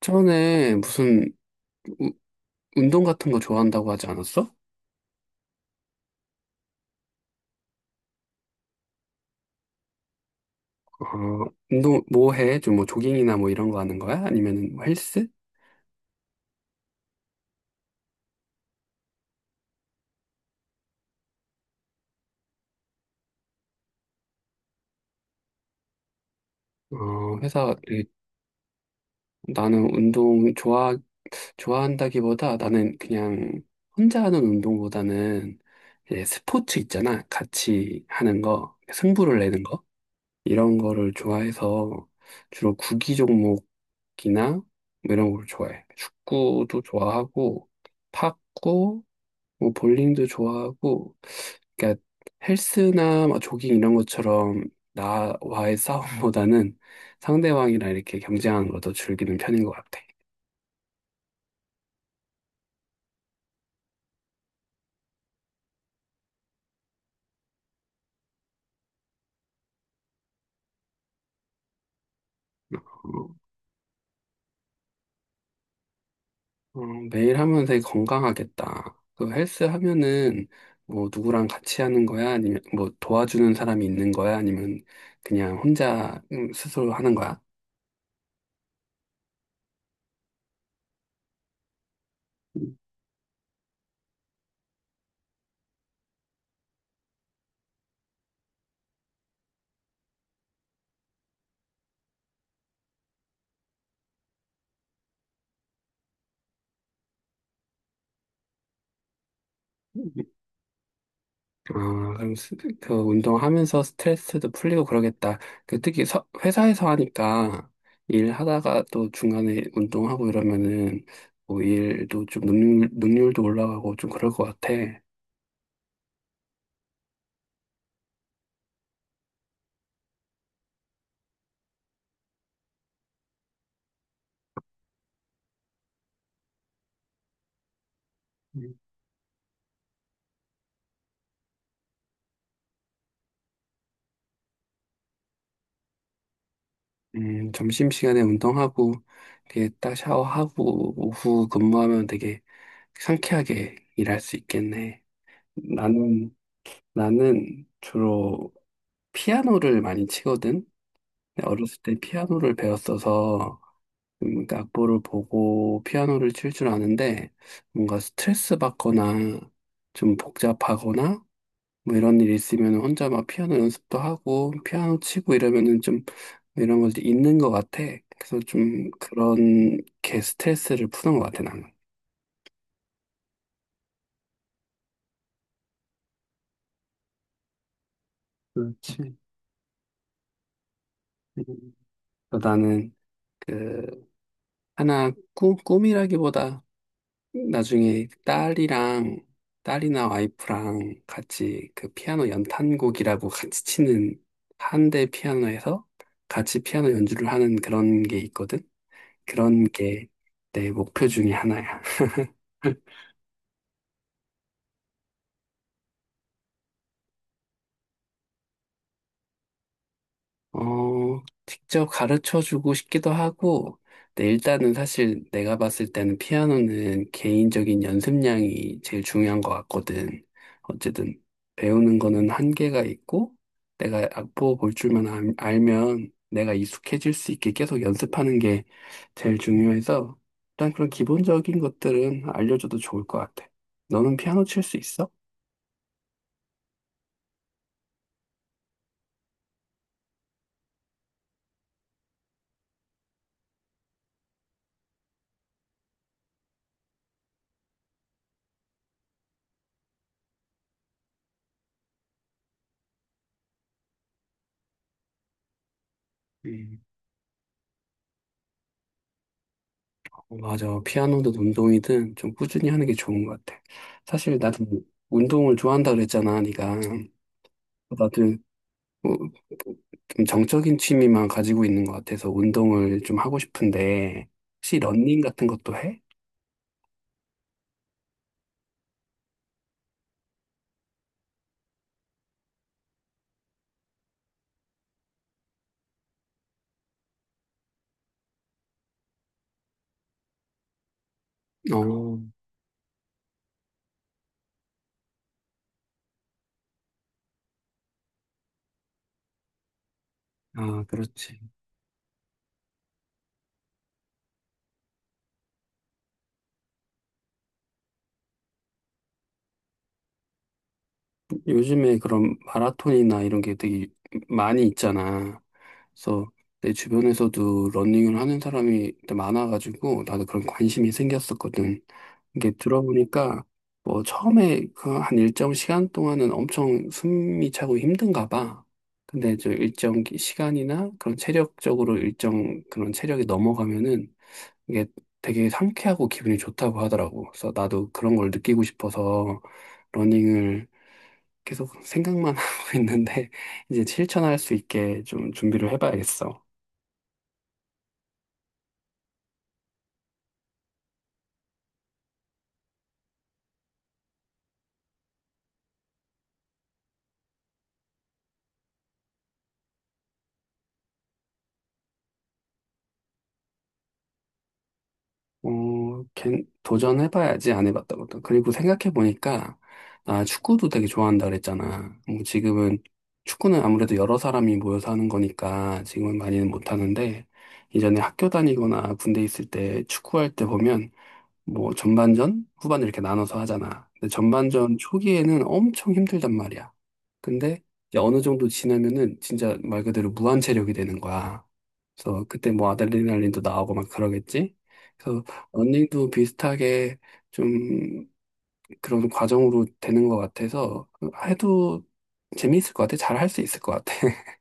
전에 무슨 우- 운동 같은 거 좋아한다고 하지 않았어? 어, 운동 뭐 해? 좀 뭐 조깅이나 뭐 이런 거 하는 거야? 아니면 뭐 헬스? 어, 회사 되게- 나는 운동 좋아한다기보다 나는 그냥 혼자 하는 운동보다는 이제 스포츠 있잖아. 같이 하는 거, 승부를 내는 거, 이런 거를 좋아해서 주로 구기 종목이나 뭐 이런 걸 좋아해. 축구도 좋아하고, 탁구, 뭐 볼링도 좋아하고. 그러니까 헬스나 뭐 조깅 이런 것처럼 나와의 싸움보다는 상대방이랑 이렇게 경쟁하는 걸 더 즐기는 편인 것 같아. 어, 어, 매일 하면 되게 건강하겠다. 그 헬스 하면은 뭐 누구랑 같이 하는 거야? 아니면 뭐 도와주는 사람이 있는 거야? 아니면 그냥 혼자, 스스로 하는 거야? 아, 그럼 그 운동하면서 스트레스도 풀리고 그러겠다. 그 특히 회사에서 하니까 일하다가 또 중간에 운동하고 이러면은 뭐 일도 좀, 능률도 올라가고 좀 그럴 것 같아. 음, 점심시간에 운동하고 이렇게 딱 샤워하고 오후 근무하면 되게 상쾌하게 일할 수 있겠네. 나는, 나는 주로 피아노를 많이 치거든. 어렸을 때 피아노를 배웠어서, 그 악보를 보고 피아노를 칠 줄 아는데, 뭔가 스트레스 받거나 좀 복잡하거나 뭐 이런 일이 있으면 혼자 막 피아노 연습도 하고 피아노 치고 이러면은 좀 이런 것도 있는 것 같아. 그래서 좀 그런 게 스트레스를 푸는 것 같아, 나는. 그렇지. 음. 나는 그 하나 꿈이라기보다 나중에 딸이랑, 딸이나 와이프랑 같이 그 피아노 연탄곡이라고 같이 치는, 한대 피아노에서 같이 피아노 연주를 하는 그런 게 있거든. 그런 게 내 목표 중에 하나야. 어, 직접 가르쳐 주고 싶기도 하고. 근데 일단은 사실 내가 봤을 때는 피아노는 개인적인 연습량이 제일 중요한 것 같거든. 어쨌든 배우는 거는 한계가 있고, 내가 악보 볼 줄만 알면 내가 익숙해질 수 있게 계속 연습하는 게 제일 중요해서, 일단 그런 기본적인 것들은 알려줘도 좋을 것 같아. 너는 피아노 칠 수 있어? 음, 어, 맞아. 피아노든 운동이든 좀 꾸준히 하는 게 좋은 것 같아. 사실 나도 운동을 좋아한다 그랬잖아, 네가. 나도 뭐, 좀 정적인 취미만 가지고 있는 것 같아서 운동을 좀 하고 싶은데, 혹시 러닝 같은 것도 해? 어, 아, 그렇지. 요즘에 그런 마라톤이나 이런 게 되게 많이 있잖아. 그래서 내 주변에서도 러닝을 하는 사람이 많아가지고 나도 그런 관심이 생겼었거든. 이게 들어보니까 뭐 처음에 그 한 일정 시간 동안은 엄청 숨이 차고 힘든가 봐. 근데 저 일정 시간이나 그런 체력적으로 일정 그런 체력이 넘어가면은 이게 되게 상쾌하고 기분이 좋다고 하더라고. 그래서 나도 그런 걸 느끼고 싶어서 러닝을 계속 생각만 하고 있는데 이제 실천할 수 있게 좀 준비를 해봐야겠어. 어, 도전해봐야지. 안 해봤다 고도 그리고 생각해보니까 나 축구도 되게 좋아한다 그랬잖아. 뭐 지금은 축구는 아무래도 여러 사람이 모여서 하는 거니까 지금은 많이는 못하는데, 이전에 학교 다니거나 군대 있을 때 축구할 때 보면 뭐 전반전, 후반전 이렇게 나눠서 하잖아. 근데 전반전 초기에는 엄청 힘들단 말이야. 근데 이제 어느 정도 지나면은 진짜 말 그대로 무한 체력이 되는 거야. 그래서 그때 뭐 아드레날린도 나오고 막 그러겠지. 그래서 런닝도 비슷하게 좀 그런 과정으로 되는 것 같아서 해도 재미있을 것 같아. 잘 할 수 있을 것 같아.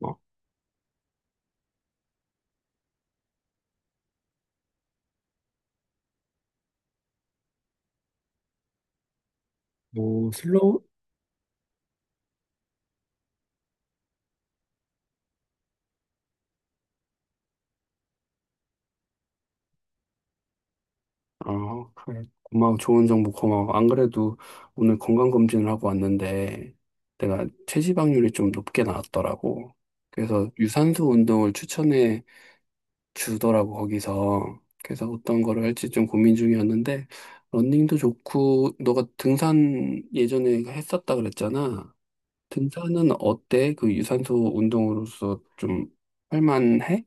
어, 뭐 슬로우 어, 그래. 고마워. 좋은 정보 고마워. 안 그래도 오늘 건강검진을 하고 왔는데 내가 체지방률이 좀 높게 나왔더라고. 그래서 유산소 운동을 추천해 주더라고, 거기서. 그래서 어떤 거를 할지 좀 고민 중이었는데, 러닝도 좋고, 너가 등산 예전에 했었다 그랬잖아. 등산은 어때? 그 유산소 운동으로서 좀 할만해?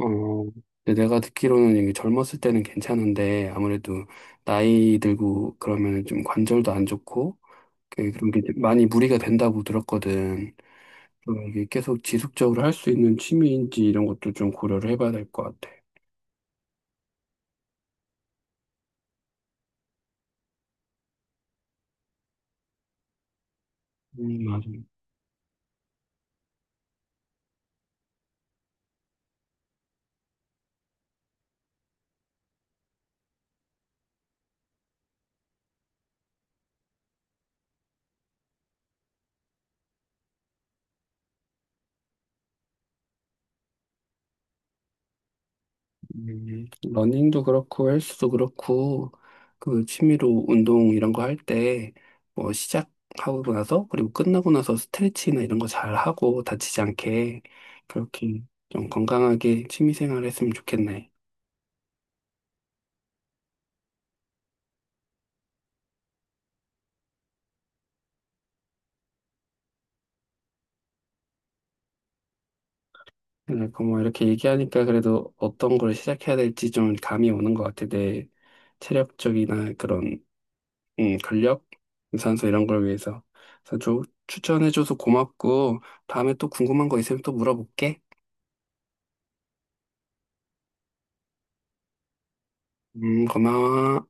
어, 근데 내가 듣기로는 이게 젊었을 때는 괜찮은데 아무래도 나이 들고 그러면 좀 관절도 안 좋고 그런 게 많이 무리가 된다고 들었거든. 그래서 이게 계속 지속적으로 할 수 있는 취미인지 이런 것도 좀 고려를 해봐야 될 것 같아. 맞아. 러닝도 그렇고 헬스도 그렇고 그 취미로 운동 이런 거 할 때 뭐 시작하고 나서 그리고 끝나고 나서 스트레칭이나 이런 거 잘 하고, 다치지 않게 그렇게 좀 건강하게 취미 생활 했으면 좋겠네. 그러니까 뭐 이렇게 얘기하니까 그래도 어떤 걸 시작해야 될지 좀 감이 오는 것 같아. 내 체력적이나 그런, 근력, 유산소 이런 걸 위해서. 그래서 좀 추천해줘서 고맙고 다음에 또 궁금한 거 있으면 또 물어볼게. 고마워.